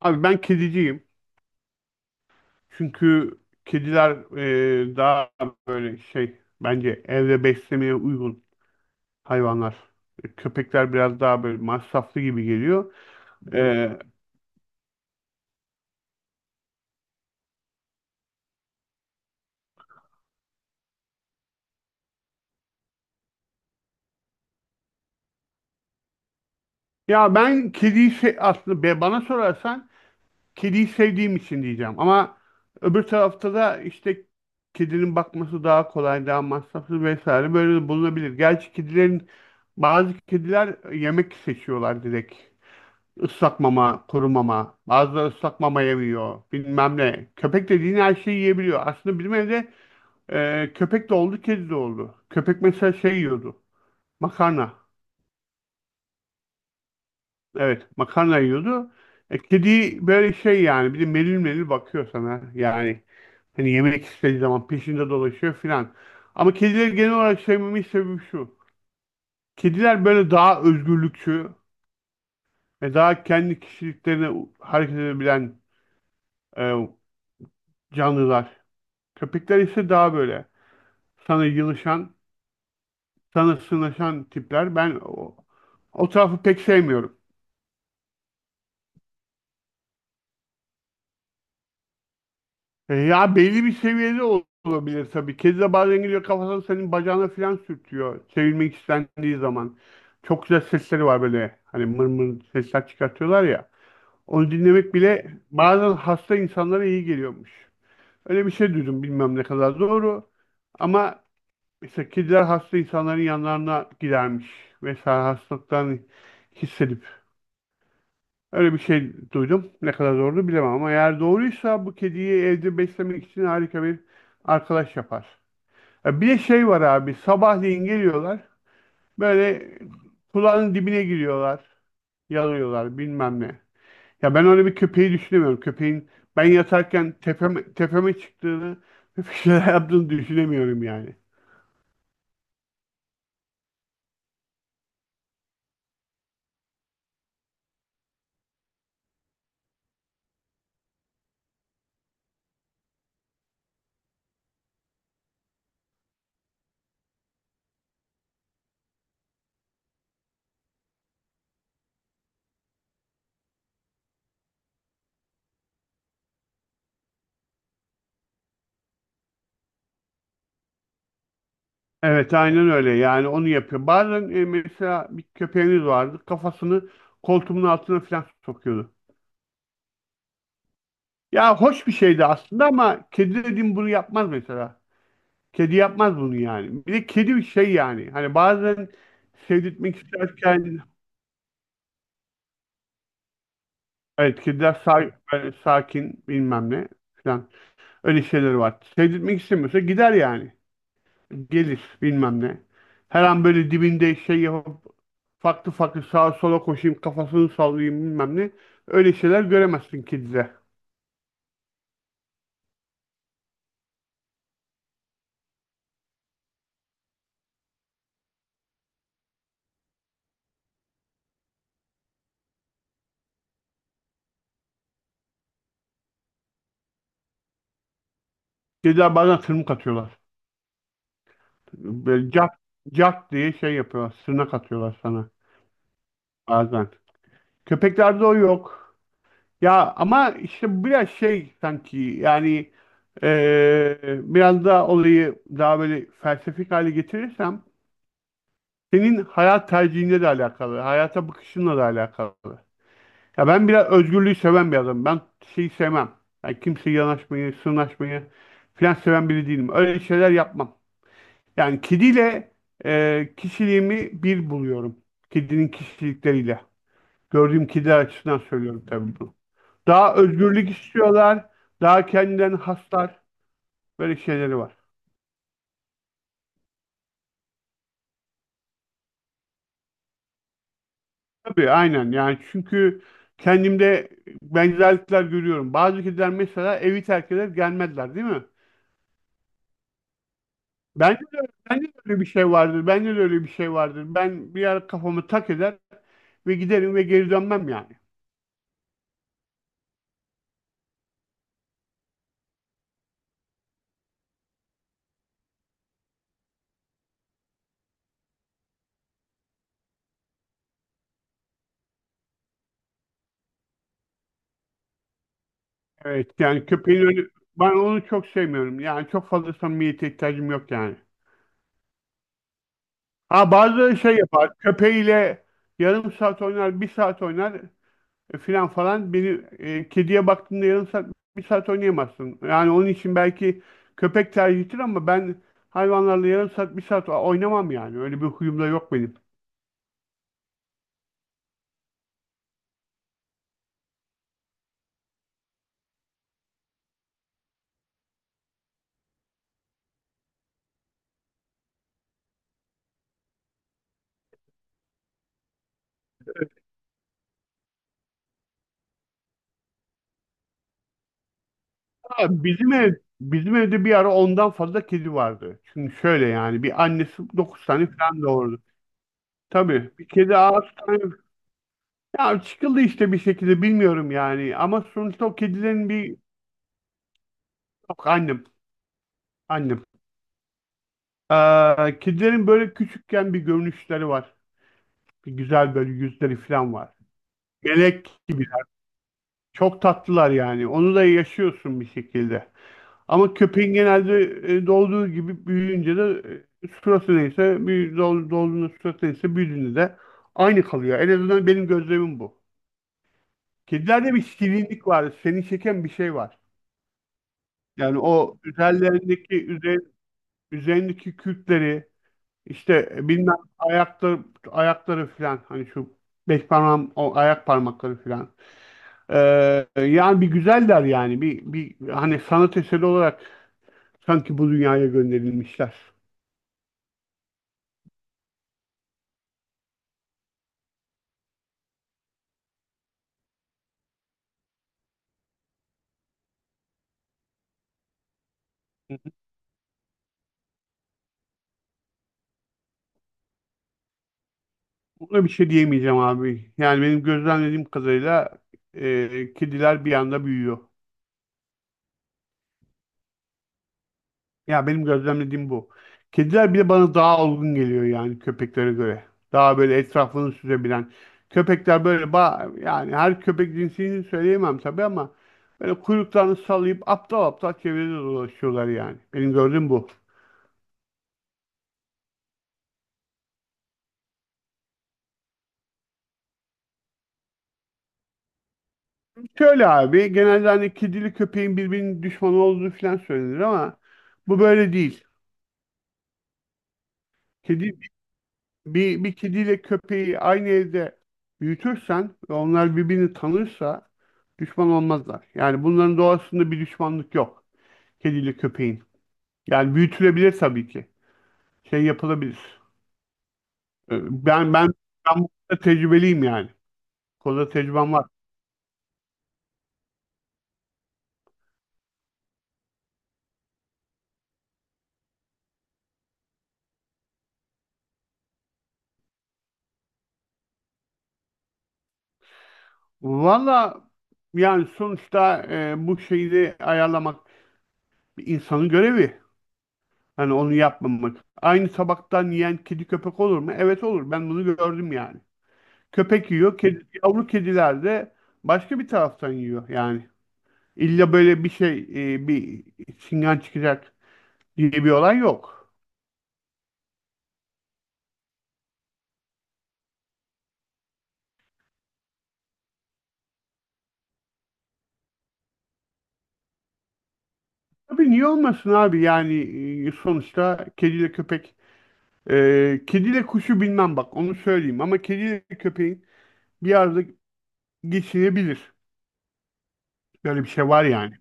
Abi ben kediciyim. Çünkü kediler daha böyle şey bence evde beslemeye uygun hayvanlar. Köpekler biraz daha böyle masraflı gibi geliyor. Ee, Ya, ben aslında bana sorarsan kediyi sevdiğim için diyeceğim. Ama öbür tarafta da işte kedinin bakması daha kolay, daha masraflı vesaire böyle de bulunabilir. Gerçi bazı kediler yemek seçiyorlar direkt. Islak mama, kuru mama. Bazıları ıslak mama yemiyor. Bilmem ne. Köpek dediğin her şeyi yiyebiliyor. Aslında bizim evde köpek de oldu, kedi de oldu. Köpek mesela şey yiyordu. Makarna. Evet, makarna yiyordu. Kedi böyle şey yani, bir de melil melil bakıyor sana. Yani hani yemek istediği zaman peşinde dolaşıyor filan. Ama kedileri genel olarak sevmemin sebebi şu. Kediler böyle daha özgürlükçü ve daha kendi kişiliklerine hareket edebilen e, canlılar. Köpekler ise daha böyle sana yılışan, sana sığınaşan tipler. Ben o tarafı pek sevmiyorum. Ya, belli bir seviyede olabilir tabii. Kedi de bazen gidiyor, kafasını senin bacağına falan sürtüyor. Sevilmek istendiği zaman. Çok güzel sesleri var böyle. Hani mır mır sesler çıkartıyorlar ya. Onu dinlemek bile bazen hasta insanlara iyi geliyormuş. Öyle bir şey duydum, bilmem ne kadar doğru. Ama işte kediler hasta insanların yanlarına gidermiş. Mesela hastalıktan hissedip. Öyle bir şey duydum. Ne kadar doğru bilemem ama eğer doğruysa bu kediyi evde beslemek için harika bir arkadaş yapar. Bir de şey var abi. Sabahleyin geliyorlar. Böyle kulağının dibine giriyorlar. Yalıyorlar, bilmem ne. Ya ben öyle bir köpeği düşünemiyorum. Köpeğin ben yatarken tepeme, tepeme çıktığını bir şeyler yaptığını düşünemiyorum yani. Evet, aynen öyle yani, onu yapıyor. Bazen mesela bir köpeğiniz vardı, kafasını koltuğumun altına falan sokuyordu. Ya hoş bir şeydi aslında ama kedi dediğim bunu yapmaz mesela. Kedi yapmaz bunu yani. Bir de kedi bir şey yani. Hani bazen sevdirtmek isterken, evet, kediler böyle sakin bilmem ne falan, öyle şeyler var. Sevdirtmek istemiyorsa gider yani. Gelir bilmem ne. Her an böyle dibinde şey yapıp farklı farklı sağa sola koşayım, kafasını sallayayım, bilmem ne. Öyle şeyler göremezsin kedide. Kediler bazen tırmık atıyorlar. Böyle cak, cak diye şey yapıyorlar. Sırnak atıyorlar sana bazen. Köpeklerde o yok. Ya ama işte biraz şey sanki, yani biraz daha olayı daha böyle felsefik hale getirirsem, senin hayat tercihinle de alakalı. Hayata bakışınla da alakalı. Ya ben biraz özgürlüğü seven bir adamım. Ben şeyi sevmem. Yani kimseye yanaşmayı, sırnaşmayı falan seven biri değilim. Öyle şeyler yapmam. Yani kediyle, kişiliğimi bir buluyorum. Kedinin kişilikleriyle. Gördüğüm kediler açısından söylüyorum tabii bunu. Daha özgürlük istiyorlar. Daha kendilerini haslar. Böyle şeyleri var. Tabii, aynen yani, çünkü kendimde benzerlikler görüyorum. Bazı kediler mesela evi terk eder gelmezler değil mi? Bence de, bence de öyle bir şey vardır. Bence de öyle bir şey vardır. Ben bir ara kafamı tak eder ve giderim ve geri dönmem yani. Evet yani köpeğin önü, ben onu çok sevmiyorum. Yani çok fazla samimiyete ihtiyacım yok yani. Ha, bazı şey yapar. Köpeğiyle yarım saat oynar, bir saat oynar, filan falan. Beni, kediye baktığında yarım saat, bir saat oynayamazsın. Yani onun için belki köpek tercihtir ama ben hayvanlarla yarım saat, bir saat oynamam yani. Öyle bir huyum da yok benim. Ha, bizim evde bir ara 10'dan fazla kedi vardı. Şimdi şöyle yani, bir annesi 9 tane falan doğurdu. Tabii bir kedi 6 tane. Ya çıkıldı işte bir şekilde, bilmiyorum yani. Ama sonuçta o kedilerin bir... Yok, annem. Annem. Kedilerin böyle küçükken bir görünüşleri var. Bir güzel böyle yüzleri falan var. Melek gibi. Çok tatlılar yani. Onu da yaşıyorsun bir şekilde. Ama köpeğin genelde doğduğu gibi büyüyünce de suratı neyse, doğduğunda suratı neyse, büyüdüğünde de aynı kalıyor. En azından benim gözlemim bu. Kedilerde bir şirinlik var. Seni çeken bir şey var. Yani o üzerindeki kürkleri, işte bilmem ayakları, ayakları filan, hani şu beş parmağım, o ayak parmakları filan. Ee, Yani bir güzeller yani, bir hani sanat eseri olarak sanki bu dünyaya gönderilmişler. Hı Buna bir şey diyemeyeceğim abi. Yani benim gözlemlediğim kadarıyla kediler bir anda büyüyor. Ya benim gözlemlediğim bu. Kediler bile bana daha olgun geliyor yani, köpeklere göre. Daha böyle etrafını süzebilen. Köpekler böyle yani her köpek cinsini söyleyemem tabii, ama böyle kuyruklarını sallayıp aptal aptal çevrede dolaşıyorlar yani. Benim gördüğüm bu. Şöyle abi, genelde hani kedili köpeğin birbirinin düşmanı olduğu falan söylenir ama bu böyle değil. Kedi bir kediyle köpeği aynı evde büyütürsen ve onlar birbirini tanırsa düşman olmazlar. Yani bunların doğasında bir düşmanlık yok. Kediyle köpeğin. Yani büyütülebilir tabii ki. Şey yapılabilir. Ee, Ben ben ben bu konuda tecrübeliyim yani. Bu konuda tecrübem var. Valla, yani sonuçta bu şeyi de ayarlamak bir insanın görevi. Hani onu yapmamak. Aynı tabaktan yiyen kedi köpek olur mu? Evet olur. Ben bunu gördüm yani. Köpek yiyor. Kedi, yavru kediler de başka bir taraftan yiyor. Yani illa böyle bir şey, bir çingen çıkacak diye bir olay yok. Tabii, niye olmasın abi? Yani sonuçta kediyle köpek, kediyle kuşu bilmem, bak onu söyleyeyim, ama kediyle köpeğin bir arada geçinebilir. Böyle bir şey var yani.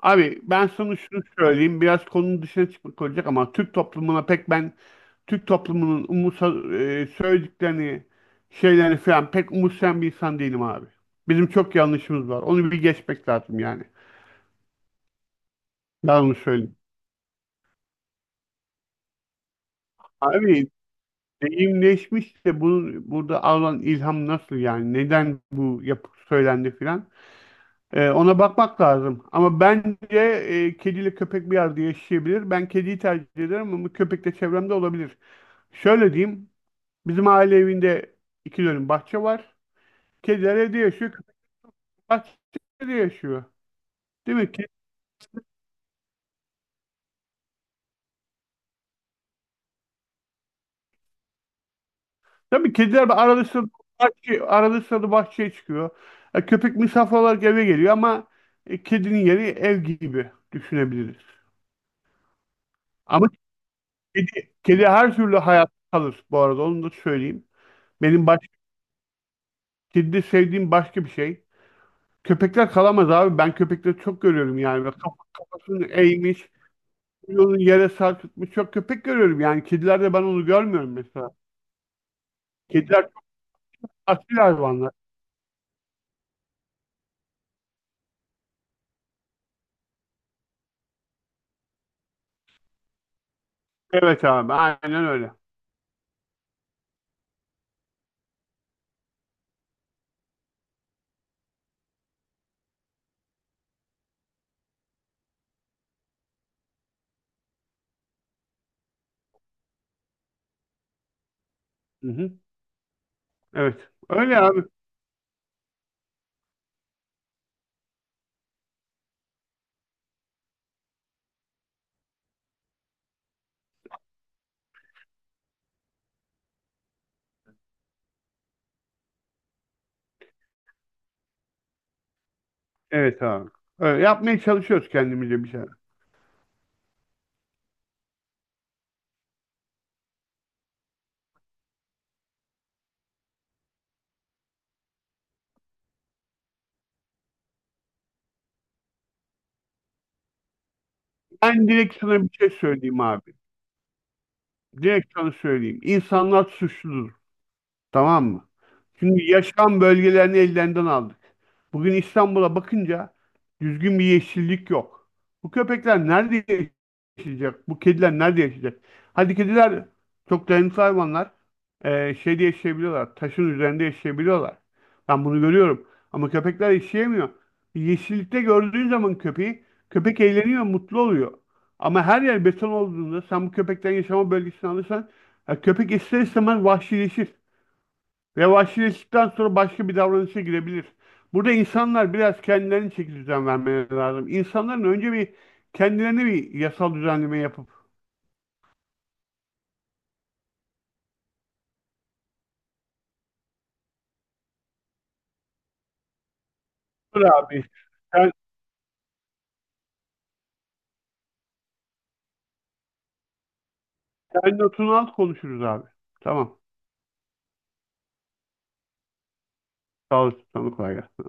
Abi ben sana şunu söyleyeyim. Biraz konunun dışına çıkmak olacak ama Türk toplumuna pek ben Türk toplumunun söylediklerini, şeylerini falan pek umursayan bir insan değilim abi. Bizim çok yanlışımız var. Onu bir geçmek lazım yani. Ben onu söyleyeyim. Abi deyimleşmiş de bunun burada alınan ilham nasıl yani? Neden bu yapı söylendi filan? Ona bakmak lazım. Ama bence kediyle köpek bir arada yaşayabilir. Ben kediyi tercih ederim ama köpek de çevremde olabilir. Şöyle diyeyim. Bizim aile evinde 2 dönüm bahçe var. Kediler evde yaşıyor. Köpekler bahçede yaşıyor. Değil mi? Tabii kediler arada sırada bahçeye çıkıyor. Köpek misafir olarak eve geliyor ama kedinin yeri ev gibi düşünebiliriz. Ama kedi her türlü hayat kalır bu arada, onu da söyleyeyim. Benim baş, Kedide sevdiğim başka bir şey. Köpekler kalamaz abi. Ben köpekleri çok görüyorum yani. Böyle kafasını eğmiş, yolu yere sarkıtmış çok köpek görüyorum. Yani kedilerde ben onu görmüyorum mesela. Kediler çok asil hayvanlar. Evet abi, aynen öyle. Hı hı. Evet. Öyle abi. Evet abi. Öyle yapmaya çalışıyoruz kendimize bir şeyler. Ben direkt sana bir şey söyleyeyim abi. Direkt sana söyleyeyim. İnsanlar suçludur. Tamam mı? Şimdi yaşam bölgelerini ellerinden aldık. Bugün İstanbul'a bakınca düzgün bir yeşillik yok. Bu köpekler nerede yaşayacak? Bu kediler nerede yaşayacak? Hadi, kediler çok dayanıklı hayvanlar. Şeyde yaşayabiliyorlar. Taşın üzerinde yaşayabiliyorlar. Ben bunu görüyorum. Ama köpekler yaşayamıyor. Yeşillikte gördüğün zaman köpeği, köpek eğleniyor, mutlu oluyor. Ama her yer beton olduğunda sen bu köpekten yaşama bölgesini alırsan, ya köpek ister istemez vahşileşir. Ve vahşileştikten sonra başka bir davranışa girebilir. Burada insanlar biraz kendilerine çeki düzen vermeleri lazım. İnsanların önce bir kendilerine bir yasal düzenleme yapıp. Dur abi. Sen, sen notunu al, konuşuruz abi. Tamam. Sağ olasın. Sana kolay gelsin.